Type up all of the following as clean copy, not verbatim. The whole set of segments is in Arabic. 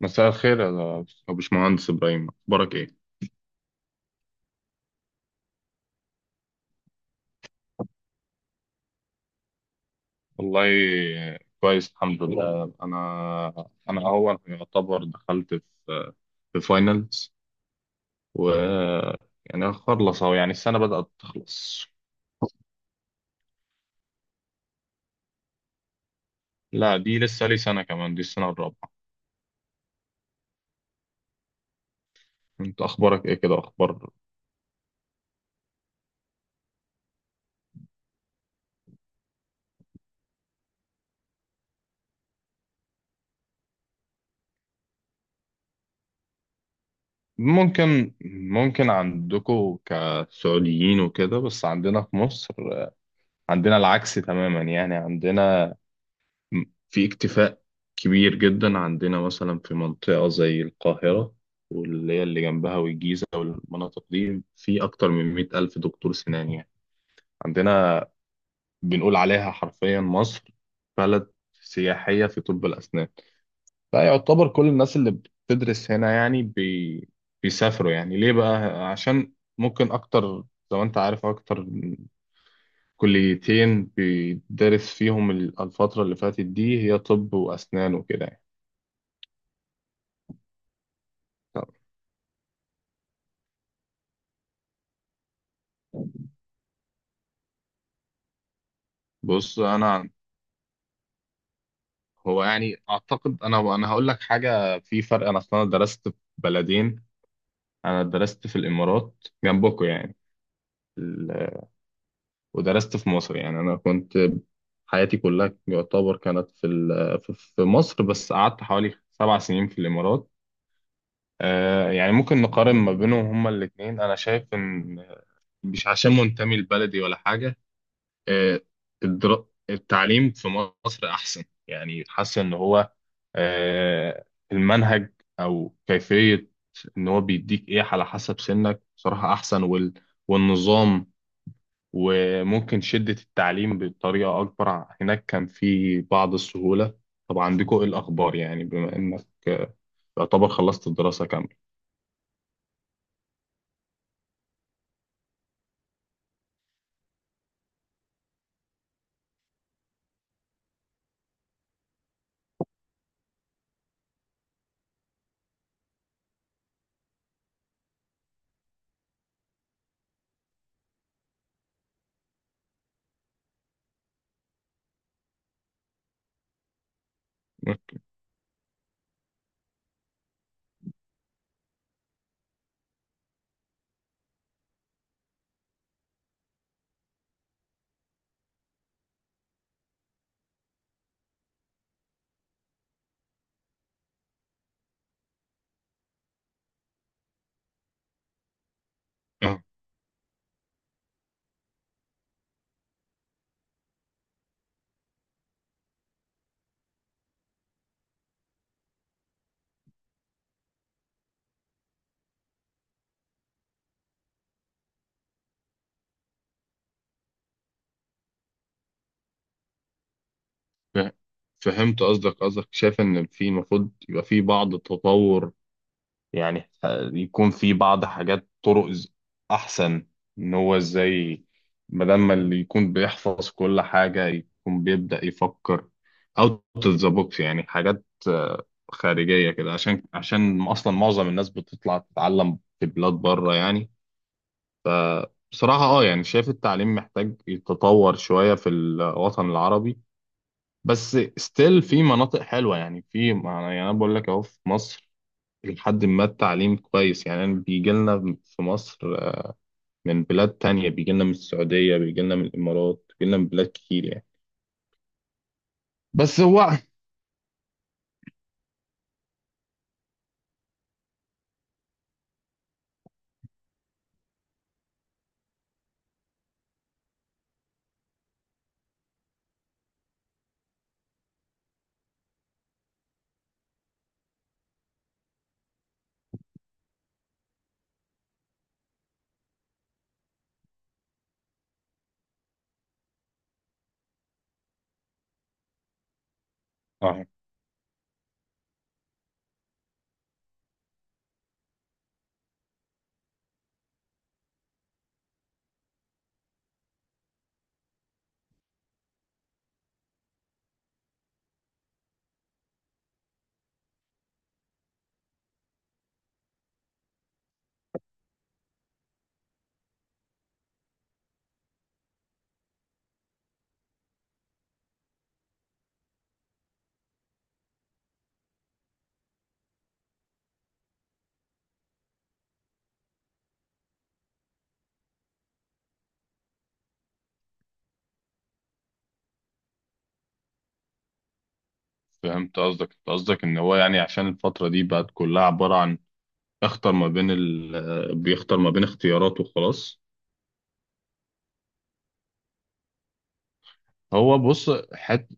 مساء الخير يا باشمهندس إبراهيم، أخبارك إيه؟ والله كويس الحمد لله. أنا أهو يعتبر دخلت في في فاينلز، و يعني خلص أهو، يعني السنة بدأت تخلص. لا دي لسه لي سنة كمان، دي السنة الرابعة. أنت أخبارك إيه كده، أخبار؟ ممكن ممكن عندكم كسعوديين وكده، بس عندنا في مصر عندنا العكس تماما. يعني عندنا في اكتفاء كبير جدا. عندنا مثلا في منطقة زي القاهرة واللي هي اللي جنبها والجيزة والمناطق دي في أكتر من مئة ألف دكتور سنان يعني. عندنا بنقول عليها حرفيا مصر بلد سياحية في طب الأسنان. فيعتبر كل الناس اللي بتدرس هنا يعني بيسافروا، يعني ليه بقى؟ عشان ممكن أكتر، زي ما أنت عارف، أكتر كليتين بيدرس فيهم الفترة اللي فاتت دي هي طب وأسنان وكده يعني. بص انا، هو يعني اعتقد، انا هقول لك حاجه، في فرق. انا اصلا درست في بلدين، انا درست في الامارات جنبكم يعني. ال- ودرست في مصر، يعني انا كنت، حياتي كلها يعتبر كانت في مصر، بس قعدت حوالي 7 سنين في الامارات. يعني ممكن نقارن ما بينهم هما الاثنين. انا شايف ان، مش عشان منتمي لبلدي ولا حاجه، آه، التعليم في مصر احسن. يعني حاسس ان هو، آه، المنهج او كيفيه ان هو بيديك ايه على حسب سنك، بصراحه احسن. والنظام، وممكن شده التعليم بطريقه اكبر. هناك كان في بعض السهوله. طب عندكم ايه الاخبار يعني، بما انك يعتبر خلصت الدراسه كامله؟ آه، فهمت قصدك. شايف ان في المفروض يبقى في بعض التطور، يعني يكون في بعض حاجات، طرق احسن ان هو ازاي بدل ما اللي يكون بيحفظ كل حاجة يكون بيبدأ يفكر اوت اوف ذا بوكس. يعني حاجات خارجية كده، عشان اصلا معظم الناس بتطلع تتعلم في بلاد بره يعني. بصراحة اه يعني شايف التعليم محتاج يتطور شوية في الوطن العربي، بس ستيل في مناطق حلوة يعني. في يعني انا بقول لك اهو، في مصر لحد ما التعليم كويس، يعني أنا بيجي لنا في مصر من بلاد تانية، بيجي لنا من السعودية، بيجي لنا من الإمارات، بيجي لنا من بلاد كتير يعني. بس هو، اه فهمت قصدك. انت قصدك ان هو يعني، عشان الفترة دي بقت كلها عبارة عن اختر ما بين ال... بيختار ما بين اختياراته وخلاص. هو بص، حت...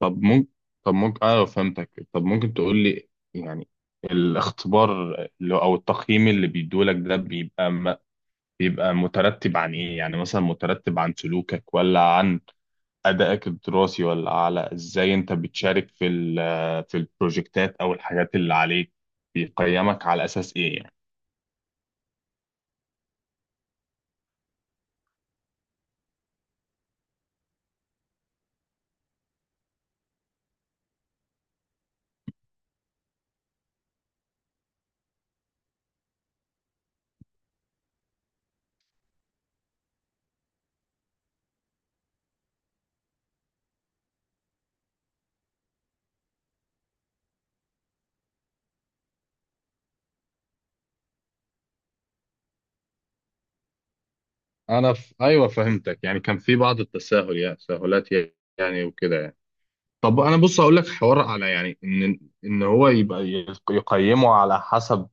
طب ممكن طب ممكن اه، فهمتك. طب ممكن تقول لي يعني الاختبار او التقييم اللي بيدولك ده بيبقى، مترتب عن ايه يعني؟ مثلا مترتب عن سلوكك، ولا عن ادائك الدراسي، ولا على ازاي انت بتشارك في البروجكتات او الحاجات اللي عليك؟ بيقيمك على اساس ايه يعني؟ ايوه فهمتك. يعني كان في بعض التساهل، يعني تساهلات يعني وكده يعني. طب انا بص اقول لك حوار على يعني، ان ان هو يبقى يقيمه على حسب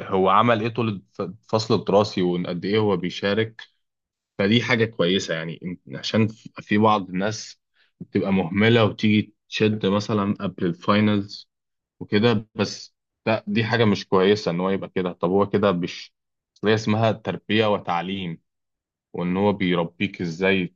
هو عمل ايه الفصل الدراسي، وان قد ايه هو بيشارك، فدي حاجة كويسة يعني. عشان في بعض الناس بتبقى مهملة وتيجي تشد مثلا قبل الفاينلز وكده، بس لا، دي حاجة مش كويسة إن هو يبقى كده. طب هو كده مش، أصل هي اسمها تربية وتعليم، وإن هو بيربيك إزاي،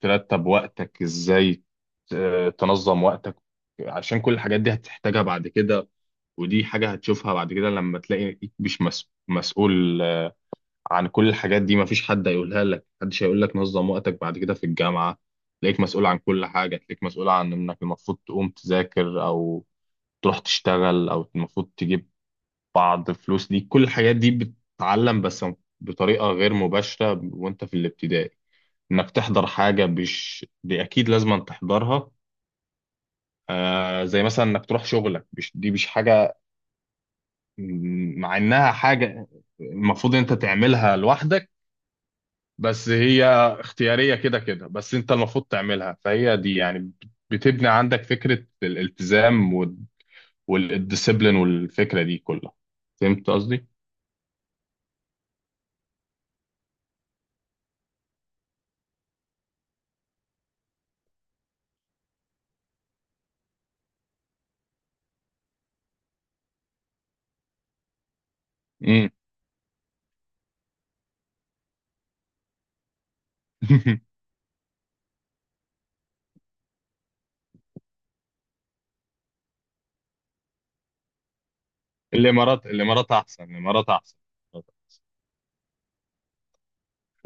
ترتب وقتك إزاي، تنظم وقتك، عشان كل الحاجات دي هتحتاجها بعد كده. ودي حاجة هتشوفها بعد كده لما تلاقيك مش مسؤول عن كل الحاجات دي. مفيش حد هيقولها لك، محدش هيقول لك نظم وقتك. بعد كده في الجامعة تلاقيك مسؤول عن كل حاجة، تلاقيك مسؤول عن انك المفروض تقوم تذاكر، او تروح تشتغل، او المفروض تجيب بعض فلوس. دي كل الحاجات دي بتتعلم، بس بطريقة غير مباشرة. وانت في الابتدائي انك تحضر حاجة، مش دي اكيد لازم تحضرها، آه زي مثلا انك تروح شغلك، مش دي مش حاجة مع انها حاجة المفروض انت تعملها لوحدك، بس هي اختيارية كده كده، بس انت المفروض تعملها. فهي دي يعني بتبني عندك فكرة الالتزام، والديسيبلين والفكرة دي كلها. فهمت قصدي؟ امم الامارات. الامارات احسن.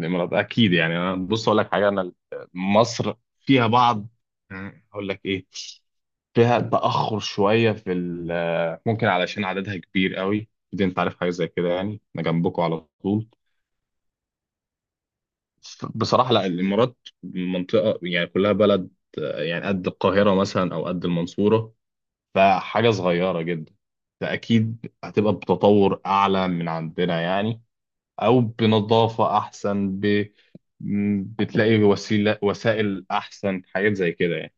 الامارات اكيد يعني. انا بص اقول لك حاجة، انا مصر فيها بعض، اقول لك ايه، فيها تأخر شوية ممكن علشان عددها كبير قوي. دي انت عارف حاجة زي كده يعني، انا جنبكم على طول. بصراحة لا، الإمارات منطقة يعني كلها بلد، يعني قد القاهرة مثلا أو قد المنصورة، فحاجة صغيرة جدا، فأكيد هتبقى بتطور أعلى من عندنا يعني، أو بنظافة أحسن، بتلاقي وسائل أحسن، حاجات زي كده يعني.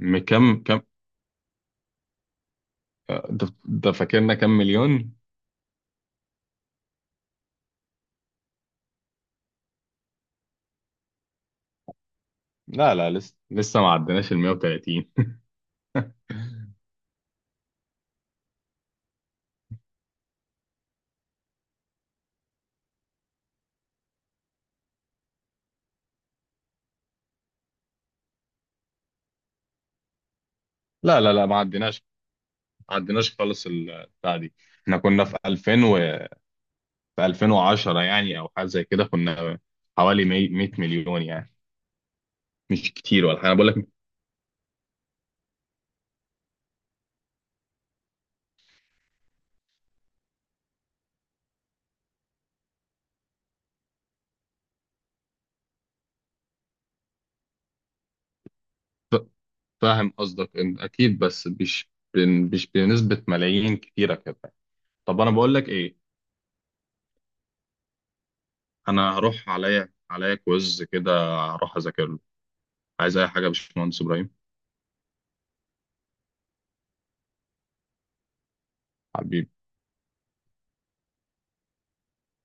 كم، ده فاكرنا كم مليون؟ لا لا، لسه ما عدناش ال 130. لا لا لا، ما عدناش، ما عدناش خالص البتاع دي. احنا كنا في 2000 و، في 2010 يعني او حاجه زي كده، كنا حوالي 100 مليون يعني. مش كتير ولا حاجه انا بقول لك. ف- فاهم قصدك. اكيد، بس مش مش بنسبه ملايين كتيره كده. طب انا بقول لك ايه، انا هروح عليا كويز كده، هروح اذاكر له. عايز اي حاجه يا باشمهندس ابراهيم؟ حبيبي.